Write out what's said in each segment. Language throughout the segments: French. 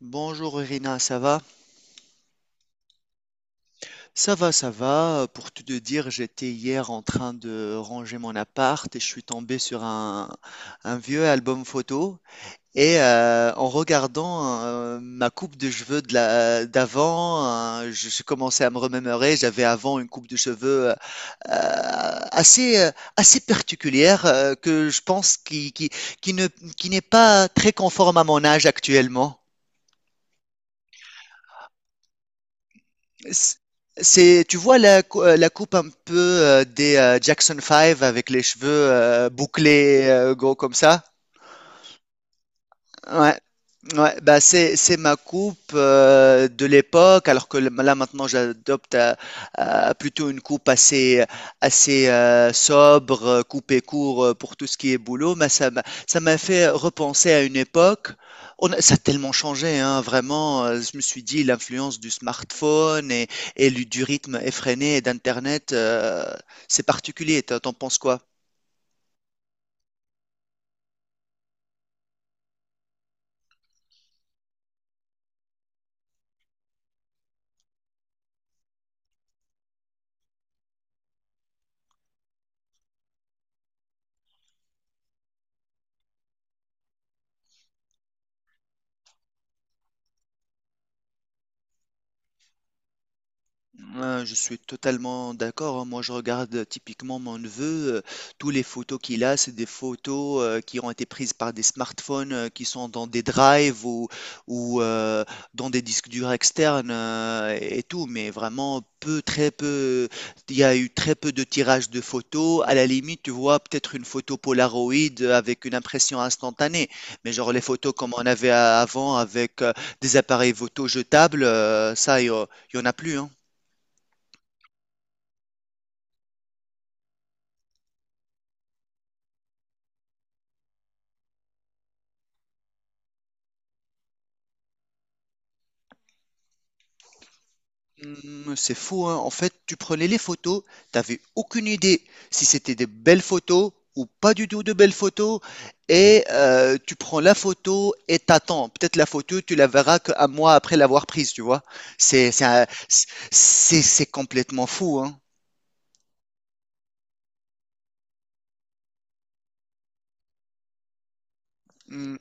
Bonjour Irina, ça va? Ça va, ça va. Pour tout te dire, j'étais hier en train de ranger mon appart et je suis tombé sur un vieux album photo. Et en regardant ma coupe de cheveux d'avant, je commençais à me remémorer. J'avais avant une coupe de cheveux euh, assez, euh, assez particulière que je pense qui ne, qui n'est pas très conforme à mon âge actuellement. C- C'est, tu vois la coupe un peu des Jackson Five avec les cheveux bouclés gros comme ça? Ouais. Ouais, bah c'est ma coupe de l'époque, alors que là maintenant à plutôt une coupe assez sobre, coupée court pour tout ce qui est boulot. Mais ça m'a fait repenser à une époque. Ça a tellement changé, hein, vraiment. Je me suis dit l'influence du smartphone et du rythme effréné et d'Internet, c'est particulier. T'en penses quoi? Je suis totalement d'accord, hein. Moi, je regarde typiquement mon neveu. Tous les photos qu'il a, c'est des photos qui ont été prises par des smartphones qui sont dans des drives ou dans des disques durs externes et tout. Mais vraiment peu, très peu. Il y a eu très peu de tirages de photos. À la limite, tu vois peut-être une photo Polaroid avec une impression instantanée. Mais genre les photos comme on avait avant avec des appareils photo jetables, ça, il y, a- il y en a plus, hein. Hmm, c'est fou, hein. En fait, tu prenais les photos, t'avais aucune idée si c'était des belles photos ou pas du tout de belles photos, et tu prends la photo et t'attends. Peut-être la photo, tu la verras qu'un mois après l'avoir prise, tu vois. C'est un- c'est- C'est complètement fou, hein. Hmm,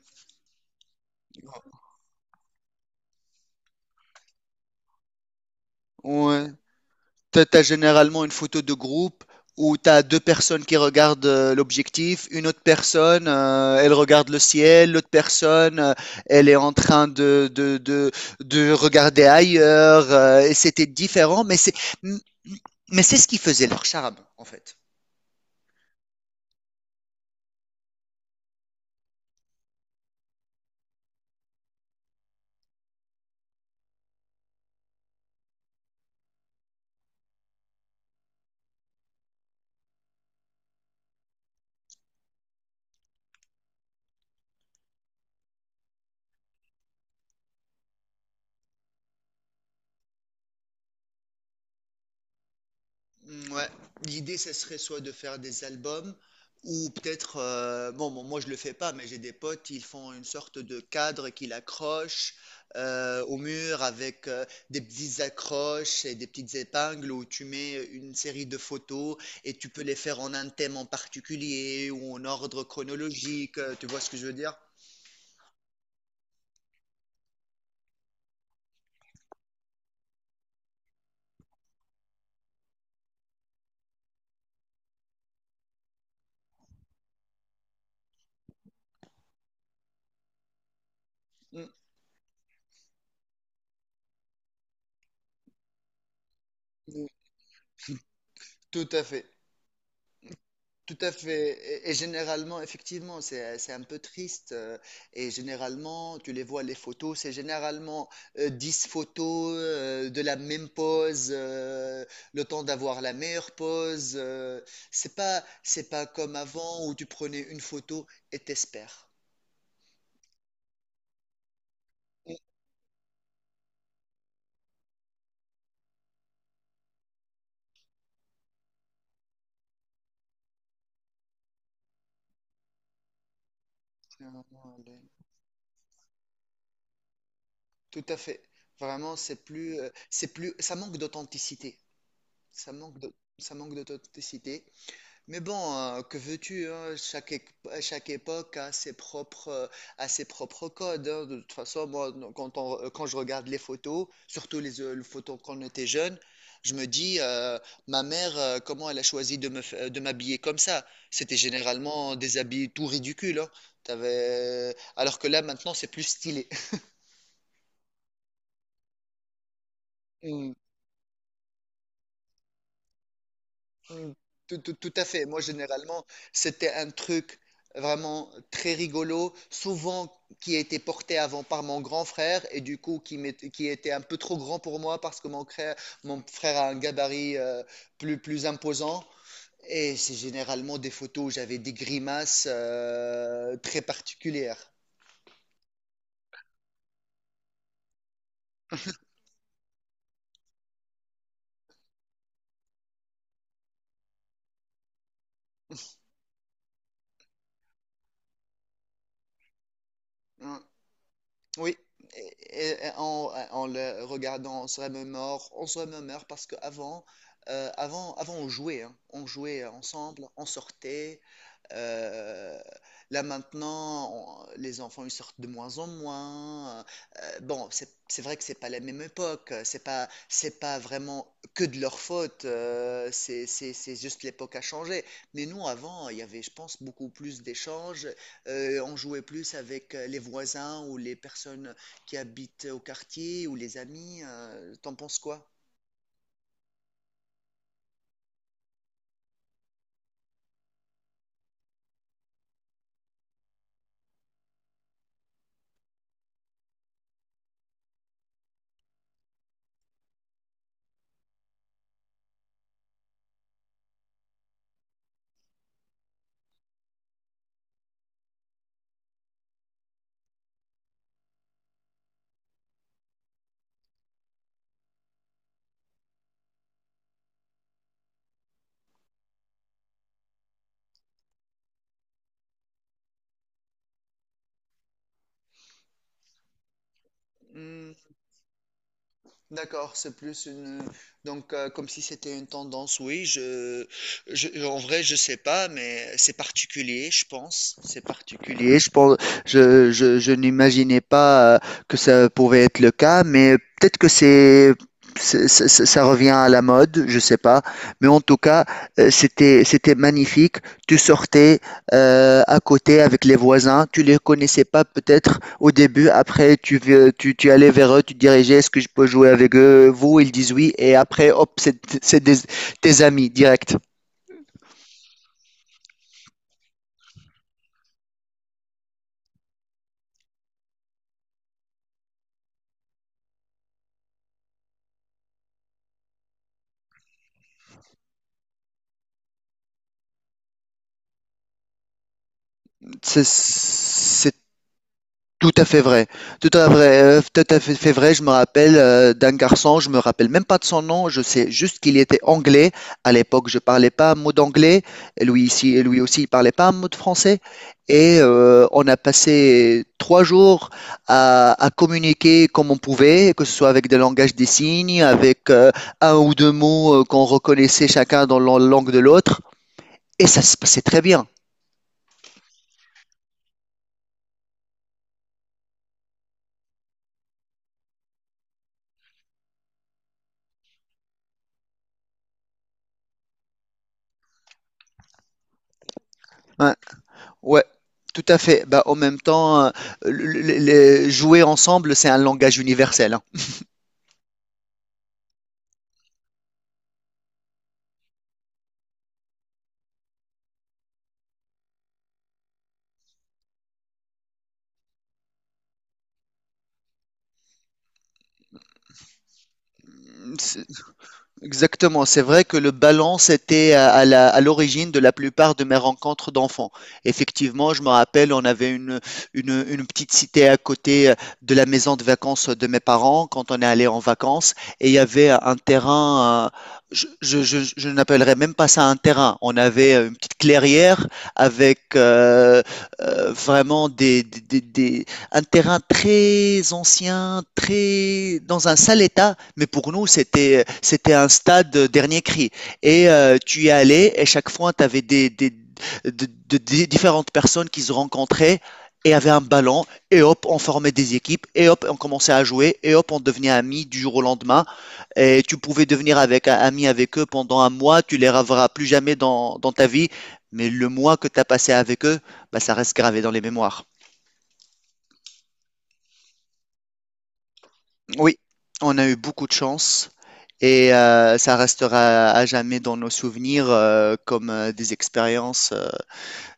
ouais. T'as généralement une photo de groupe où t'as deux personnes qui regardent l'objectif, une autre personne, elle regarde le ciel, l'autre personne, elle est en train de regarder ailleurs, et c'était différent, mais c'est ce qui faisait leur charme, en fait. Mm. Ouais, l'idée, ce serait soit de faire des albums ou peut-être, moi je le fais pas, mais j'ai des potes, ils font une sorte de cadre qu'ils accrochent au mur avec des petites accroches et des petites épingles où tu mets une série de photos et tu peux les faire en un thème en particulier ou en ordre chronologique, tu vois ce que je veux dire? Mm. Mm, tout à fait. Tout à fait. Et généralement, effectivement, c'est un peu triste. Et généralement, tu les vois, les photos, c'est généralement 10 photos de la même pose, le temps d'avoir la meilleure pose. C'est pas, c'est pas comme avant où tu prenais une photo et t'espères. Et généralement, elle est- Tout à fait. Vraiment, c'est plus, ça manque d'authenticité. Ça manque de- Ça manque d'authenticité. Mais bon, que veux-tu, hein, chaque époque a ses propres codes, hein. De toute façon, moi, quand je regarde les photos, surtout les photos quand on était jeune, je me dis, ma mère, comment elle a choisi de de m'habiller comme ça? C'était généralement des habits tout ridicules, hein. Alors que là, maintenant, c'est plus stylé. Mm. Tout à fait. Moi, généralement, c'était un truc vraiment très rigolo, souvent qui a été porté avant par mon grand frère et du coup qui était un peu trop grand pour moi parce que mon frère a un gabarit plus imposant. Et c'est généralement des photos où j'avais des grimaces très particulières. Oui, et en, en le regardant, on se remémore parce qu'avant, avant, avant, avant on jouait, hein. On jouait ensemble, on sortait, euh, là maintenant, les enfants ils sortent de moins en moins. Bon, c'est vrai que c'est pas la même époque. C'est pas vraiment que de leur faute. C'est juste l'époque a changé. Mais nous avant, il y avait, je pense, beaucoup plus d'échanges. On jouait plus avec les voisins ou les personnes qui habitent au quartier ou les amis. T'en penses quoi? D'accord, c'est plus une donc comme si c'était une tendance. Je en vrai je sais pas, mais c'est particulier, je pense. C'est particulier. Je pense, Je n'imaginais pas que ça pouvait être le cas, mais peut-être que ça revient à la mode, je sais pas. Mais en tout cas, c'était c'était magnifique. Tu sortais à côté avec les voisins, tu les connaissais pas peut-être, au début. Après, tu allais vers eux, tu te dirigeais, est-ce que je peux jouer avec vous? Ils disent oui. Et après, hop, c'est des- tes amis direct. C'est Tout à fait vrai, tout à fait, fait vrai. Je me rappelle d'un garçon, je me rappelle même pas de son nom. Je sais juste qu'il était anglais. À l'époque, je parlais pas un mot d'anglais. Et lui aussi, il parlait pas un mot de français. Et on a passé 3 jours à communiquer comme on pouvait, que ce soit avec des langages des signes, avec un ou deux mots qu'on reconnaissait chacun dans la langue de l'autre. Et ça se passait très bien. Ouais. Ouais, tout à fait. Bah, en même temps, jouer ensemble, c'est un langage universel, hein. Exactement, c'est vrai que le balance était à à l'origine de la plupart de mes rencontres d'enfants. Effectivement, je me rappelle, on avait une petite cité à côté de la maison de vacances de mes parents quand on est allé en vacances et il y avait un terrain, je n'appellerais même pas ça un terrain. On avait une petite clairière avec vraiment un terrain très ancien, très dans un sale état, mais pour nous, c'était un stade dernier cri. Et tu y allais, et chaque fois, tu avais de- des différentes personnes qui se rencontraient et avaient un ballon, et hop, on formait des équipes, et hop, on commençait à jouer, et hop, on devenait amis du jour au lendemain. Et tu pouvais devenir avec, ami avec eux pendant 1 mois, tu les reverras plus jamais dans ta vie, mais le mois que tu as passé avec eux, bah, ça reste gravé dans les mémoires. Oui, on a eu beaucoup de chance et ça restera à jamais dans nos souvenirs comme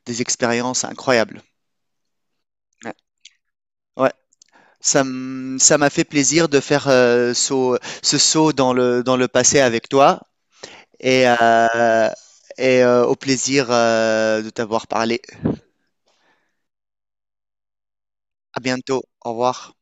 des expériences incroyables. Ouais, ouais. Ça m'a fait plaisir de faire ce saut dans dans le passé avec toi et, euh, et au plaisir de t'avoir parlé. À bientôt. Au revoir.